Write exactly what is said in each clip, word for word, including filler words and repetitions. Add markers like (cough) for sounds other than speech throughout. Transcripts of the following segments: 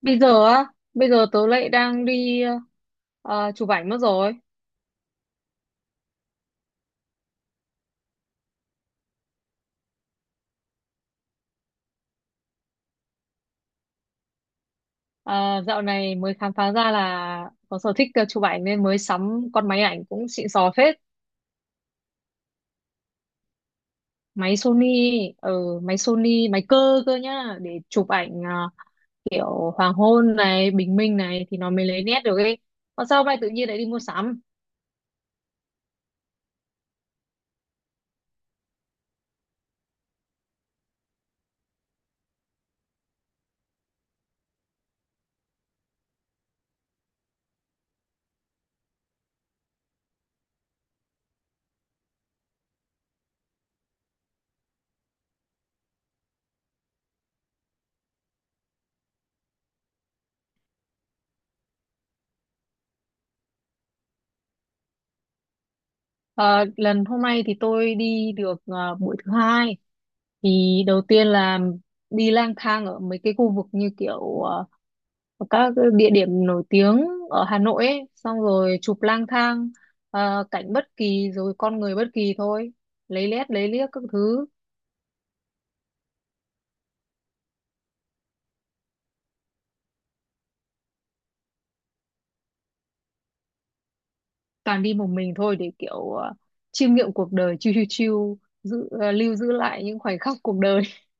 Bây giờ á, bây giờ tớ lại đang đi ờ, chụp ảnh mất rồi. À, dạo này mới khám phá ra là có sở thích ờ, chụp ảnh nên mới sắm con máy ảnh cũng xịn sò phết. Máy Sony, ở máy Sony, máy cơ cơ nhá, để chụp ảnh ờ, kiểu hoàng hôn này, bình minh này thì nó mới lấy nét được ấy. Còn sao hôm nay tự nhiên lại đi mua sắm? Ờ, lần hôm nay thì tôi đi được ờ, buổi thứ hai. Thì đầu tiên là đi lang thang ở mấy cái khu vực như kiểu ờ, ở các cái địa điểm nổi tiếng ở Hà Nội ấy, xong rồi chụp lang thang ờ, cảnh bất kỳ rồi con người bất kỳ thôi, lấy lét lấy liếc các thứ, toàn đi một mình thôi để kiểu ờ, chiêm nghiệm cuộc đời, chiêu chiêu chiêu giữ, ờ, lưu giữ lại những khoảnh khắc cuộc đời. (laughs)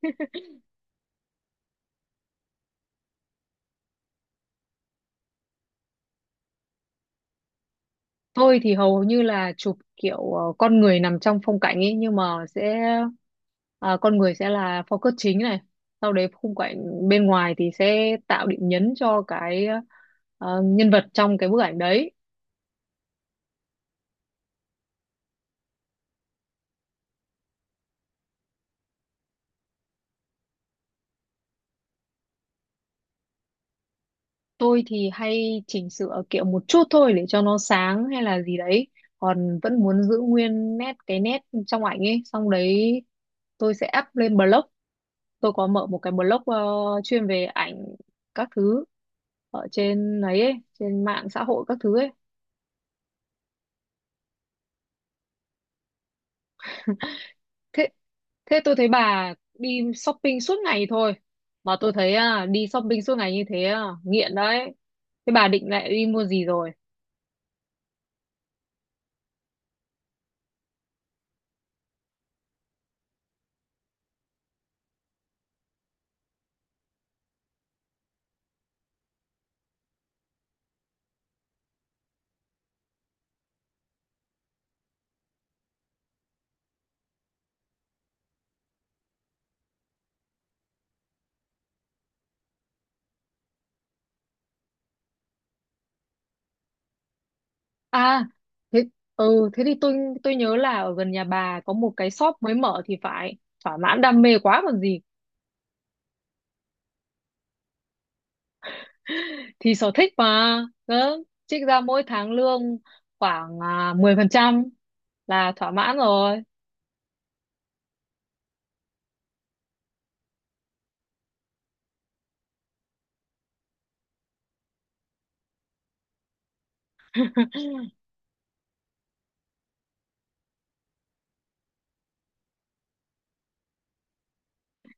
Tôi thì hầu như là chụp kiểu ờ, con người nằm trong phong cảnh ấy, nhưng mà sẽ ờ, con người sẽ là focus chính này, sau đấy khung cảnh bên ngoài thì sẽ tạo điểm nhấn cho cái ờ, nhân vật trong cái bức ảnh đấy. Tôi thì hay chỉnh sửa kiểu một chút thôi để cho nó sáng hay là gì đấy. Còn vẫn muốn giữ nguyên nét cái nét trong ảnh ấy. Xong đấy tôi sẽ up lên blog. Tôi có mở một cái blog ờ, chuyên về ảnh các thứ ở trên ấy, ấy trên mạng xã hội các thứ ấy. Thế thế tôi thấy bà đi shopping suốt ngày thôi. Mà tôi thấy à, đi shopping suốt ngày như thế à, nghiện đấy. Thế bà định lại đi mua gì rồi? À, thế, ừ, thế thì tôi tôi nhớ là ở gần nhà bà có một cái shop mới mở thì phải, thỏa mãn đam mê quá còn gì. Thì sở thích mà, đó, trích ra mỗi tháng lương khoảng à, mười phần trăm là thỏa mãn rồi.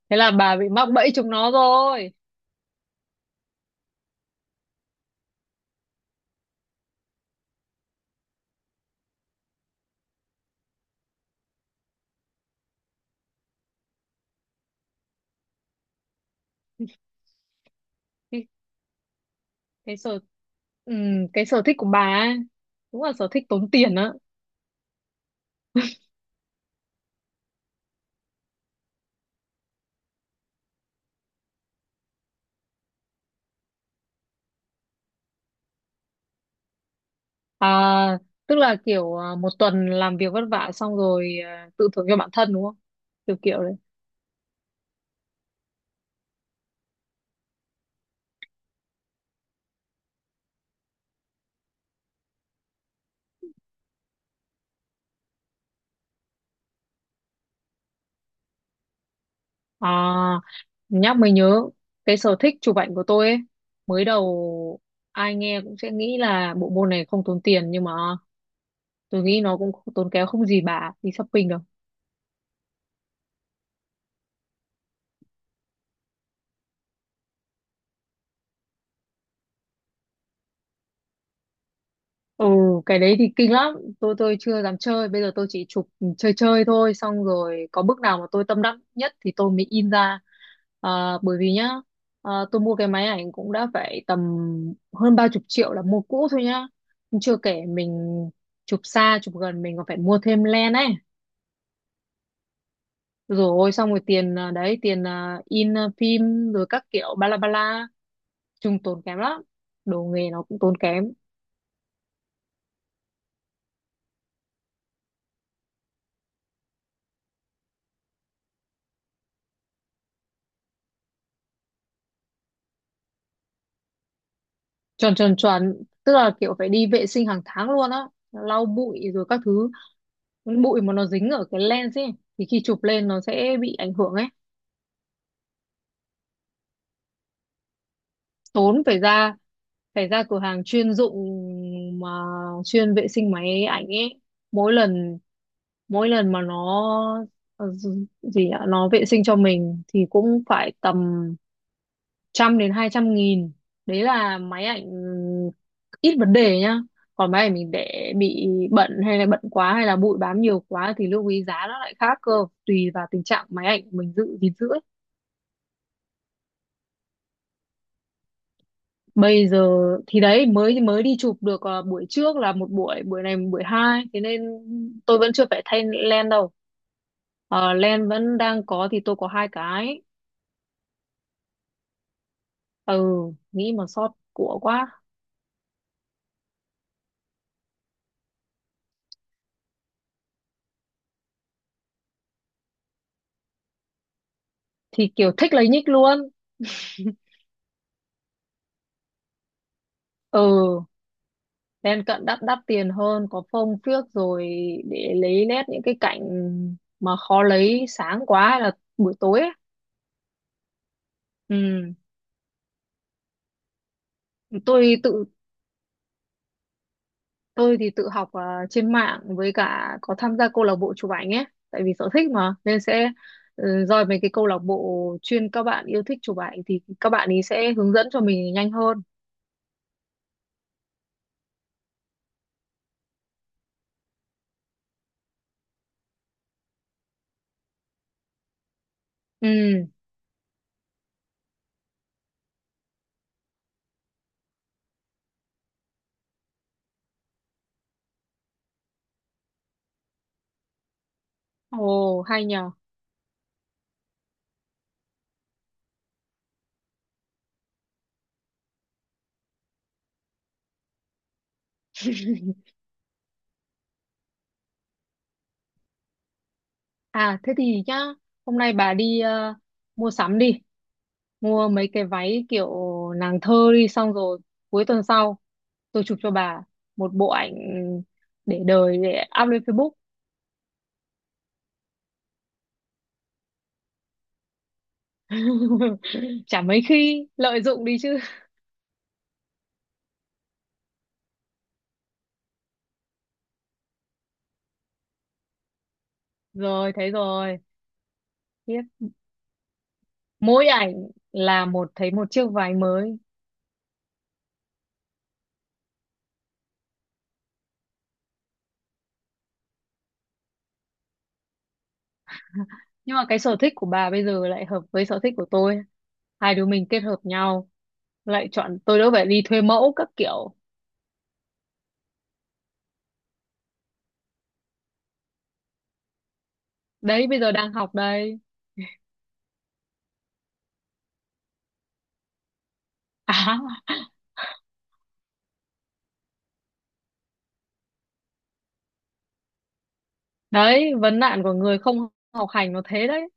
Thế là bà bị mắc bẫy chúng nó rồi. Cái, cái sở ừ, cái sở thích của bà ấy, đúng là sở thích tốn tiền á. à, Tức là kiểu à, một tuần làm việc vất vả, xong rồi à, tự thưởng cho bản thân đúng không, kiểu kiểu đấy. À, nhắc mới nhớ cái sở thích chụp ảnh của tôi ấy, mới đầu ai nghe cũng sẽ nghĩ là bộ môn này không tốn tiền, nhưng mà tôi nghĩ nó cũng không- tốn kém không gì bà đi shopping được. Ừ, cái đấy thì kinh lắm. Tôi tôi chưa dám chơi. Bây giờ tôi chỉ chụp chơi chơi thôi. Xong rồi có bước nào mà tôi tâm đắc nhất thì tôi mới in ra. À, bởi vì nhá, à, tôi mua cái máy ảnh cũng đã phải tầm hơn ba chục triệu là mua cũ thôi nhá. Nhưng chưa kể mình chụp xa, chụp gần mình còn phải mua thêm lens ấy. Rồi xong rồi tiền à, đấy, tiền à, in à, phim rồi các kiểu ba la ba la. Chung tốn kém lắm. Đồ nghề nó cũng tốn kém. Chuẩn chuẩn chuẩn, tức là kiểu phải đi vệ sinh hàng tháng luôn á, lau bụi rồi các thứ. Bụi mà nó dính ở cái lens ấy thì khi chụp lên nó sẽ bị ảnh hưởng ấy. Tốn, phải ra phải ra cửa hàng chuyên dụng mà chuyên vệ sinh máy ảnh ấy. Mỗi lần mỗi lần mà nó ờ, gì nhỉ? Nó vệ sinh cho mình thì cũng phải tầm trăm đến hai trăm nghìn. Đấy là máy ảnh ít vấn đề nhá, còn máy ảnh mình để bị bẩn hay là bẩn quá hay là bụi bám nhiều quá thì lưu ý giá nó lại khác cơ, tùy vào tình trạng máy ảnh mình giữ gìn giữ ấy. Bây giờ thì đấy mới mới đi chụp được ờ, buổi trước là một buổi, buổi này buổi hai, thế nên tôi vẫn chưa phải thay len đâu. Ờ, lens vẫn đang có thì tôi có hai cái. Ừ, nghĩ mà sót của quá. Thì kiểu thích lấy nhích luôn. Ừ. Lên cận đắt đắt tiền hơn, có phông phiếc rồi, để lấy nét những cái cảnh mà khó lấy sáng quá hay là buổi tối ấy. Ừ. Tôi tự tôi thì tự học à, trên mạng, với cả có tham gia câu lạc bộ chụp ảnh ấy, tại vì sở thích mà nên sẽ ừ, roi mấy cái câu lạc bộ chuyên các bạn yêu thích chụp ảnh thì các bạn ấy sẽ hướng dẫn cho mình nhanh hơn. Ừ. Ồ hay nhờ. À thế thì nhá, hôm nay bà đi ờ, mua sắm đi, mua mấy cái váy kiểu nàng thơ đi, xong rồi cuối tuần sau tôi chụp cho bà một bộ ảnh để đời, để up lên Facebook. (laughs) Chả mấy khi lợi dụng đi chứ. Rồi, thấy rồi. Tiếp mỗi ảnh là một, thấy một chiếc váy mới. Nhưng mà cái sở thích của bà bây giờ lại hợp với sở thích của tôi, hai đứa mình kết hợp nhau, lại chọn tôi đỡ phải đi thuê mẫu các kiểu, đấy bây giờ đang học đây. (laughs) à Đấy, vấn nạn của người không học hành nó thế đấy.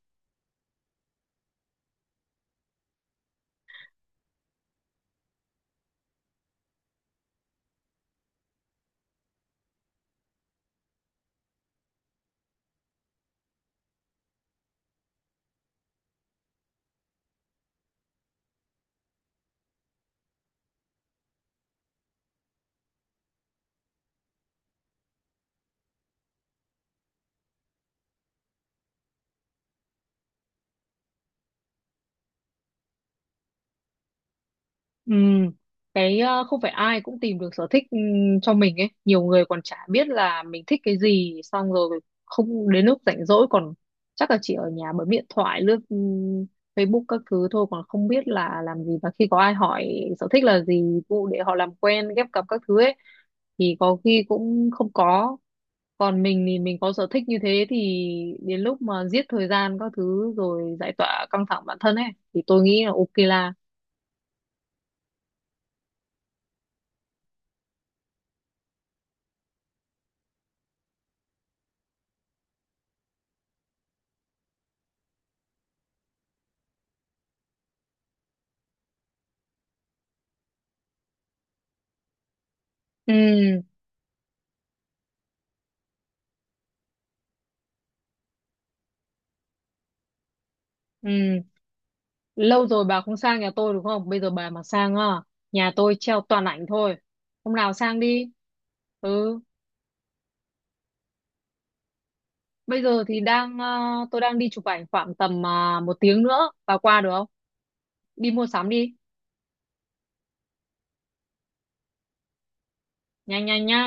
Ừ, cái ờ, không phải ai cũng tìm được sở thích ừ, cho mình ấy. Nhiều người còn chả biết là mình thích cái gì, xong rồi không đến lúc rảnh rỗi còn chắc là chỉ ở nhà bấm điện thoại, lướt ừ, Facebook các thứ thôi, còn không biết là làm gì. Và khi có ai hỏi sở thích là gì, vụ để họ làm quen, ghép cặp các thứ ấy, thì có khi cũng không có. Còn mình thì mình có sở thích như thế thì đến lúc mà giết thời gian các thứ rồi giải tỏa căng thẳng bản thân ấy, thì tôi nghĩ là ok là. Ừ. Ừ. Lâu rồi bà không sang nhà tôi đúng không? Bây giờ bà mà sang á, nhà tôi treo toàn ảnh thôi. Hôm nào sang đi. Ừ, bây giờ thì đang à, tôi đang đi chụp ảnh khoảng tầm à, một tiếng nữa. Bà qua được không? Đi mua sắm đi. Nhanh nhanh nha.